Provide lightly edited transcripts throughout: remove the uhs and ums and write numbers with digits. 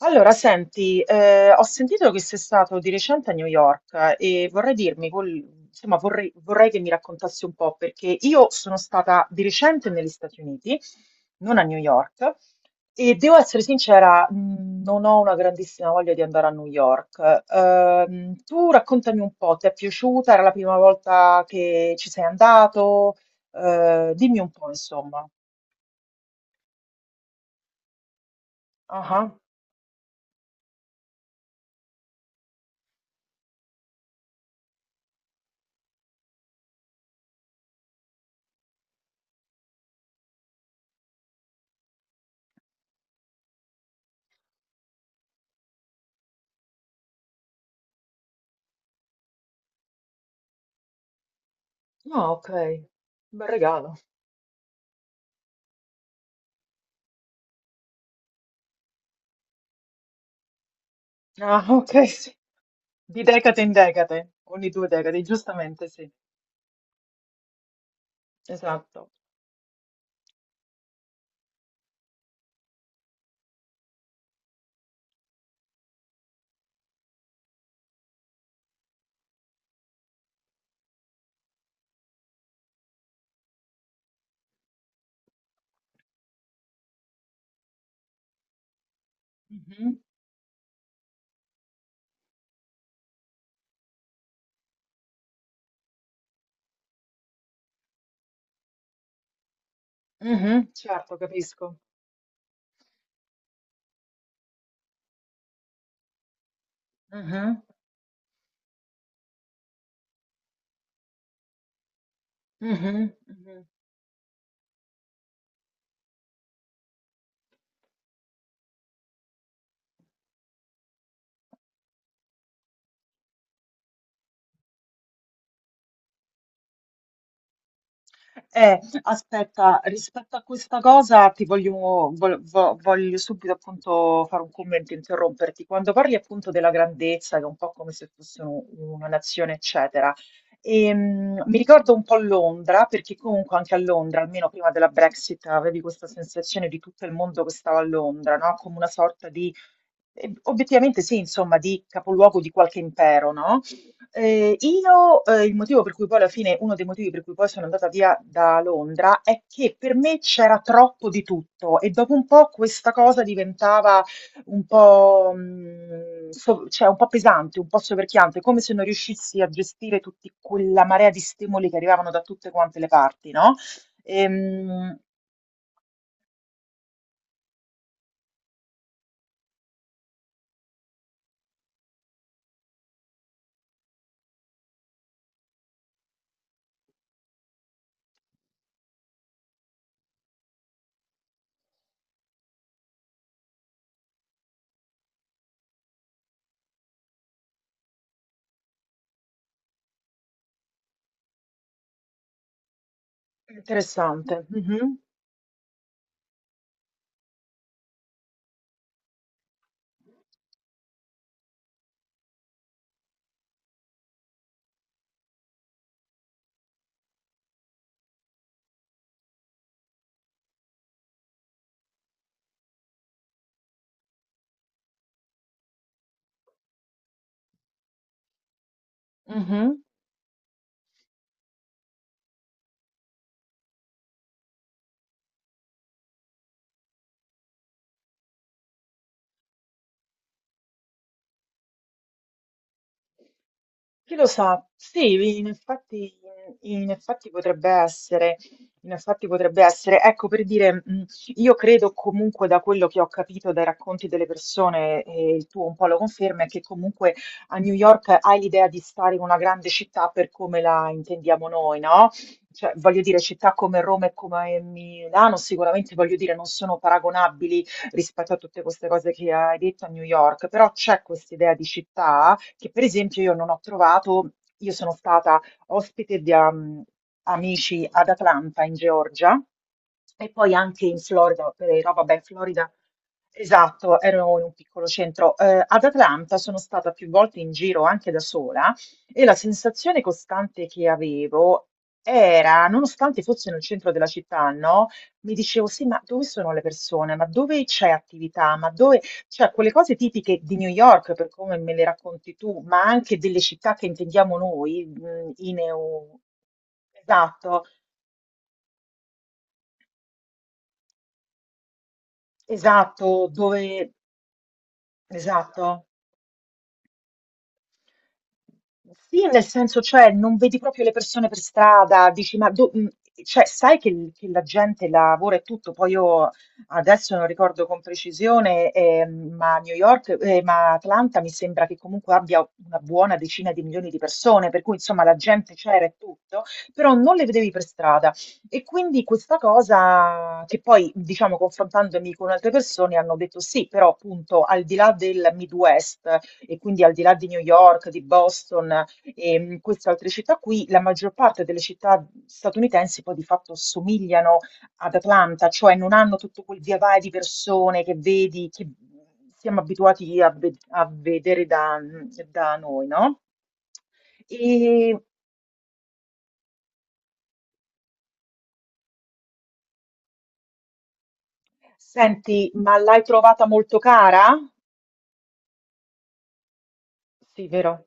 Allora, senti, ho sentito che sei stato di recente a New York, e vorrei dirmi, insomma, vorrei che mi raccontassi un po', perché io sono stata di recente negli Stati Uniti, non a New York, e devo essere sincera, non ho una grandissima voglia di andare a New York. Tu raccontami un po', ti è piaciuta? Era la prima volta che ci sei andato? Dimmi un po', insomma. Ah, ah. No, ok, bel regalo. Ah, ok, sì. Di decade in decade, ogni due decadi, giustamente sì, esatto. Mhm, mhm, certo, capisco. Mhm, mhm, mhm. Aspetta, rispetto a questa cosa ti voglio subito appunto fare un commento, interromperti. Quando parli appunto della grandezza, che è un po' come se fosse una nazione, eccetera, mi ricordo un po' Londra, perché comunque anche a Londra, almeno prima della Brexit, avevi questa sensazione di tutto il mondo che stava a Londra, no? Come una sorta di, obiettivamente sì, insomma, di capoluogo di qualche impero, no? Il motivo per cui poi alla fine, uno dei motivi per cui poi sono andata via da Londra è che per me c'era troppo di tutto e dopo un po' questa cosa diventava un po', cioè un po' pesante, un po' soverchiante, come se non riuscissi a gestire tutta quella marea di stimoli che arrivavano da tutte quante le parti, no? Ehm, interessante. Mhm. Mhm. Chi lo sa? Sì, in effetti potrebbe essere, in effetti potrebbe essere. Ecco, per dire, io credo comunque da quello che ho capito dai racconti delle persone, e il tuo un po' lo conferma, è che comunque a New York hai l'idea di stare in una grande città per come la intendiamo noi, no? Cioè, voglio dire, città come Roma e come Milano sicuramente, voglio dire, non sono paragonabili rispetto a tutte queste cose che hai detto a New York, però c'è questa idea di città che per esempio io non ho trovato. Io sono stata ospite di amici ad Atlanta in Georgia e poi anche in Florida, no, vabbè, in Florida, esatto, ero in un piccolo centro. Ad Atlanta sono stata più volte in giro anche da sola e la sensazione costante che avevo era, nonostante fosse nel centro della città, no? Mi dicevo, sì, ma dove sono le persone? Ma dove c'è attività? Ma dove. Cioè, quelle cose tipiche di New York, per come me le racconti tu, ma anche delle città che intendiamo noi, in EU. Esatto. Esatto, dove. Esatto. Sì, nel senso, cioè, non vedi proprio le persone per strada, dici, ma cioè, sai che, che la gente lavora e tutto, poi io adesso non ricordo con precisione, ma Atlanta mi sembra che comunque abbia una buona decina di milioni di persone, per cui insomma la gente c'era e tutto, però non le vedevi per strada. E quindi questa cosa che poi, diciamo, confrontandomi con altre persone hanno detto sì, però appunto al di là del Midwest e quindi al di là di New York, di Boston e queste altre città qui, la maggior parte delle città statunitensi poi di fatto somigliano ad Atlanta, cioè non hanno tutto quel via vai di persone che vedi, che siamo abituati a, a vedere da noi, no? E senti, ma l'hai trovata molto cara? Sì, vero?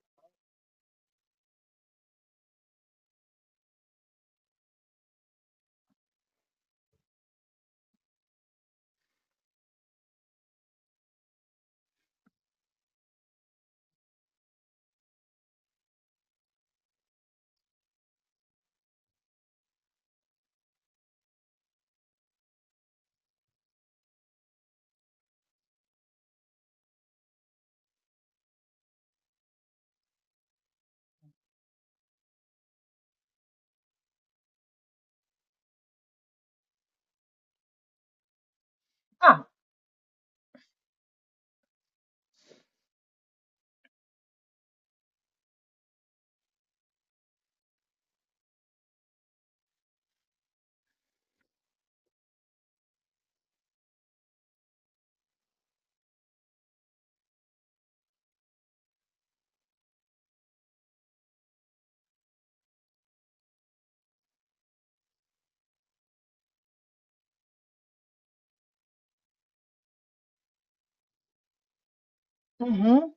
Ah, mhm,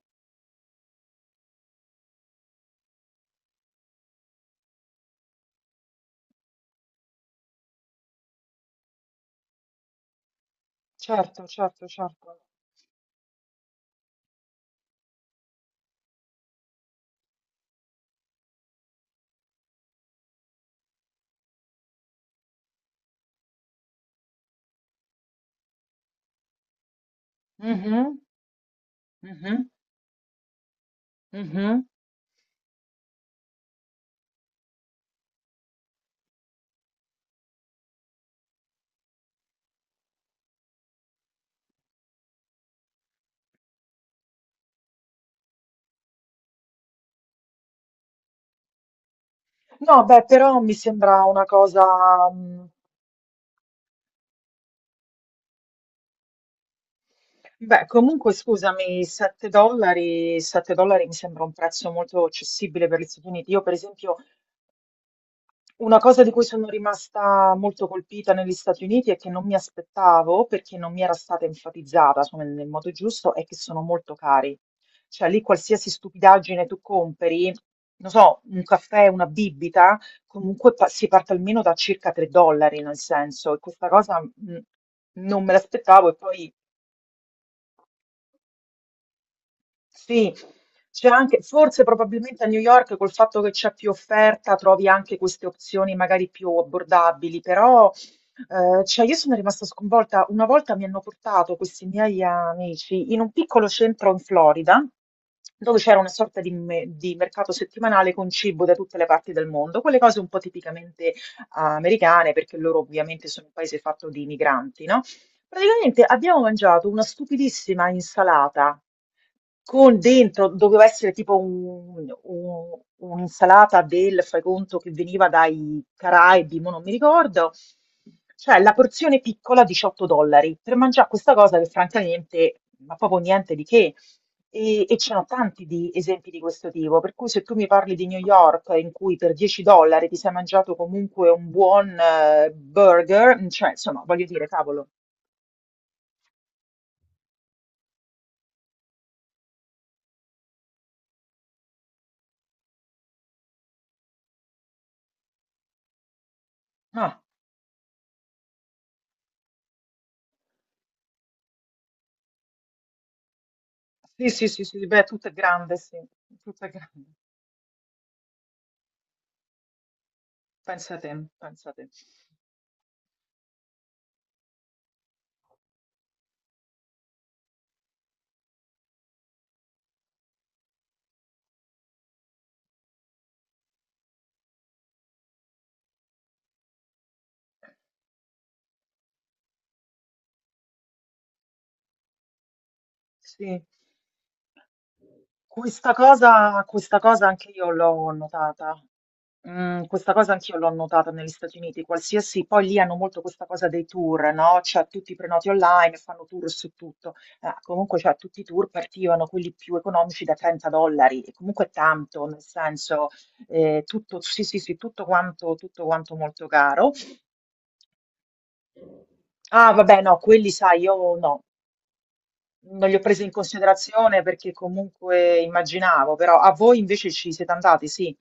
certo, certo, certo. Mhm, mhm, mhm. No, beh, però mi sembra una cosa. mh, Beh, comunque scusami, 7 dollari, 7 dollari mi sembra un prezzo molto accessibile per gli Stati Uniti. Io, per esempio. Una cosa di cui sono rimasta molto colpita negli Stati Uniti e che non mi aspettavo, perché non mi era stata enfatizzata, insomma, nel modo giusto, è che sono molto cari. Cioè lì qualsiasi stupidaggine tu compri, non so, un caffè, una bibita, comunque si parte almeno da circa 3 dollari, nel senso, e questa cosa non me l'aspettavo e poi. Sì, c'è anche, forse probabilmente a New York col fatto che c'è più offerta trovi anche queste opzioni magari più abbordabili, però cioè io sono rimasta sconvolta. Una volta mi hanno portato questi miei amici in un piccolo centro in Florida dove c'era una sorta di, di mercato settimanale con cibo da tutte le parti del mondo, quelle cose un po' tipicamente americane perché loro ovviamente sono un paese fatto di migranti, no? Praticamente abbiamo mangiato una stupidissima insalata con dentro, doveva essere tipo un'insalata del, fai conto, che veniva dai Caraibi, mo non mi ricordo. Cioè, la porzione piccola 18 dollari per mangiare questa cosa che francamente, ma proprio niente di che. E c'erano tanti di esempi di questo tipo, per cui se tu mi parli di New York in cui per 10 dollari ti sei mangiato comunque un buon burger, cioè, insomma, voglio dire, cavolo. Ah, sì, sì, sì, sì, beh, tutto è grande, sì, tutto è grande. Pensa te, pensa te. Sì. Questa cosa anche io l'ho notata. Mm, questa cosa anch'io l'ho notata negli Stati Uniti, qualsiasi, poi lì hanno molto questa cosa dei tour, no? Cioè tutti i prenoti online, fanno tour su tutto. Comunque, cioè, tutti i tour partivano, quelli più economici, da 30 dollari, e comunque è tanto, nel senso, tutto, sì, sì, sì, tutto quanto molto caro. Ah, vabbè, no, quelli sai, io no, non li ho presi in considerazione perché comunque immaginavo, però a voi invece ci siete andati, sì.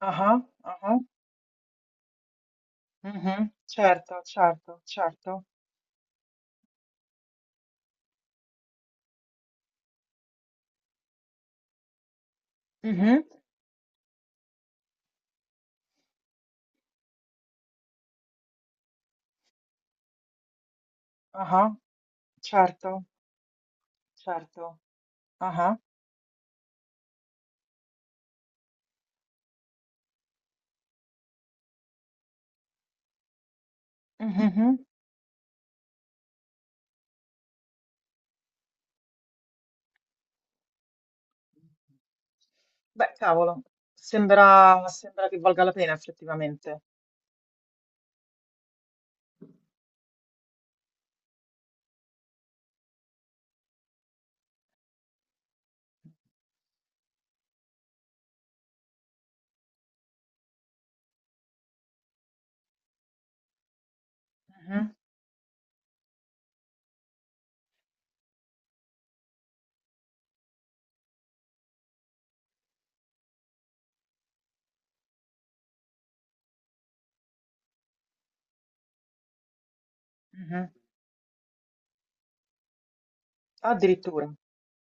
Ah, ah, ah, mhm, certo, certo, certo. Mhm, ah, certo, certo. Ah, mhm, mhm. Beh, cavolo, sembra che valga la pena effettivamente. Mhm, mhm. Addirittura.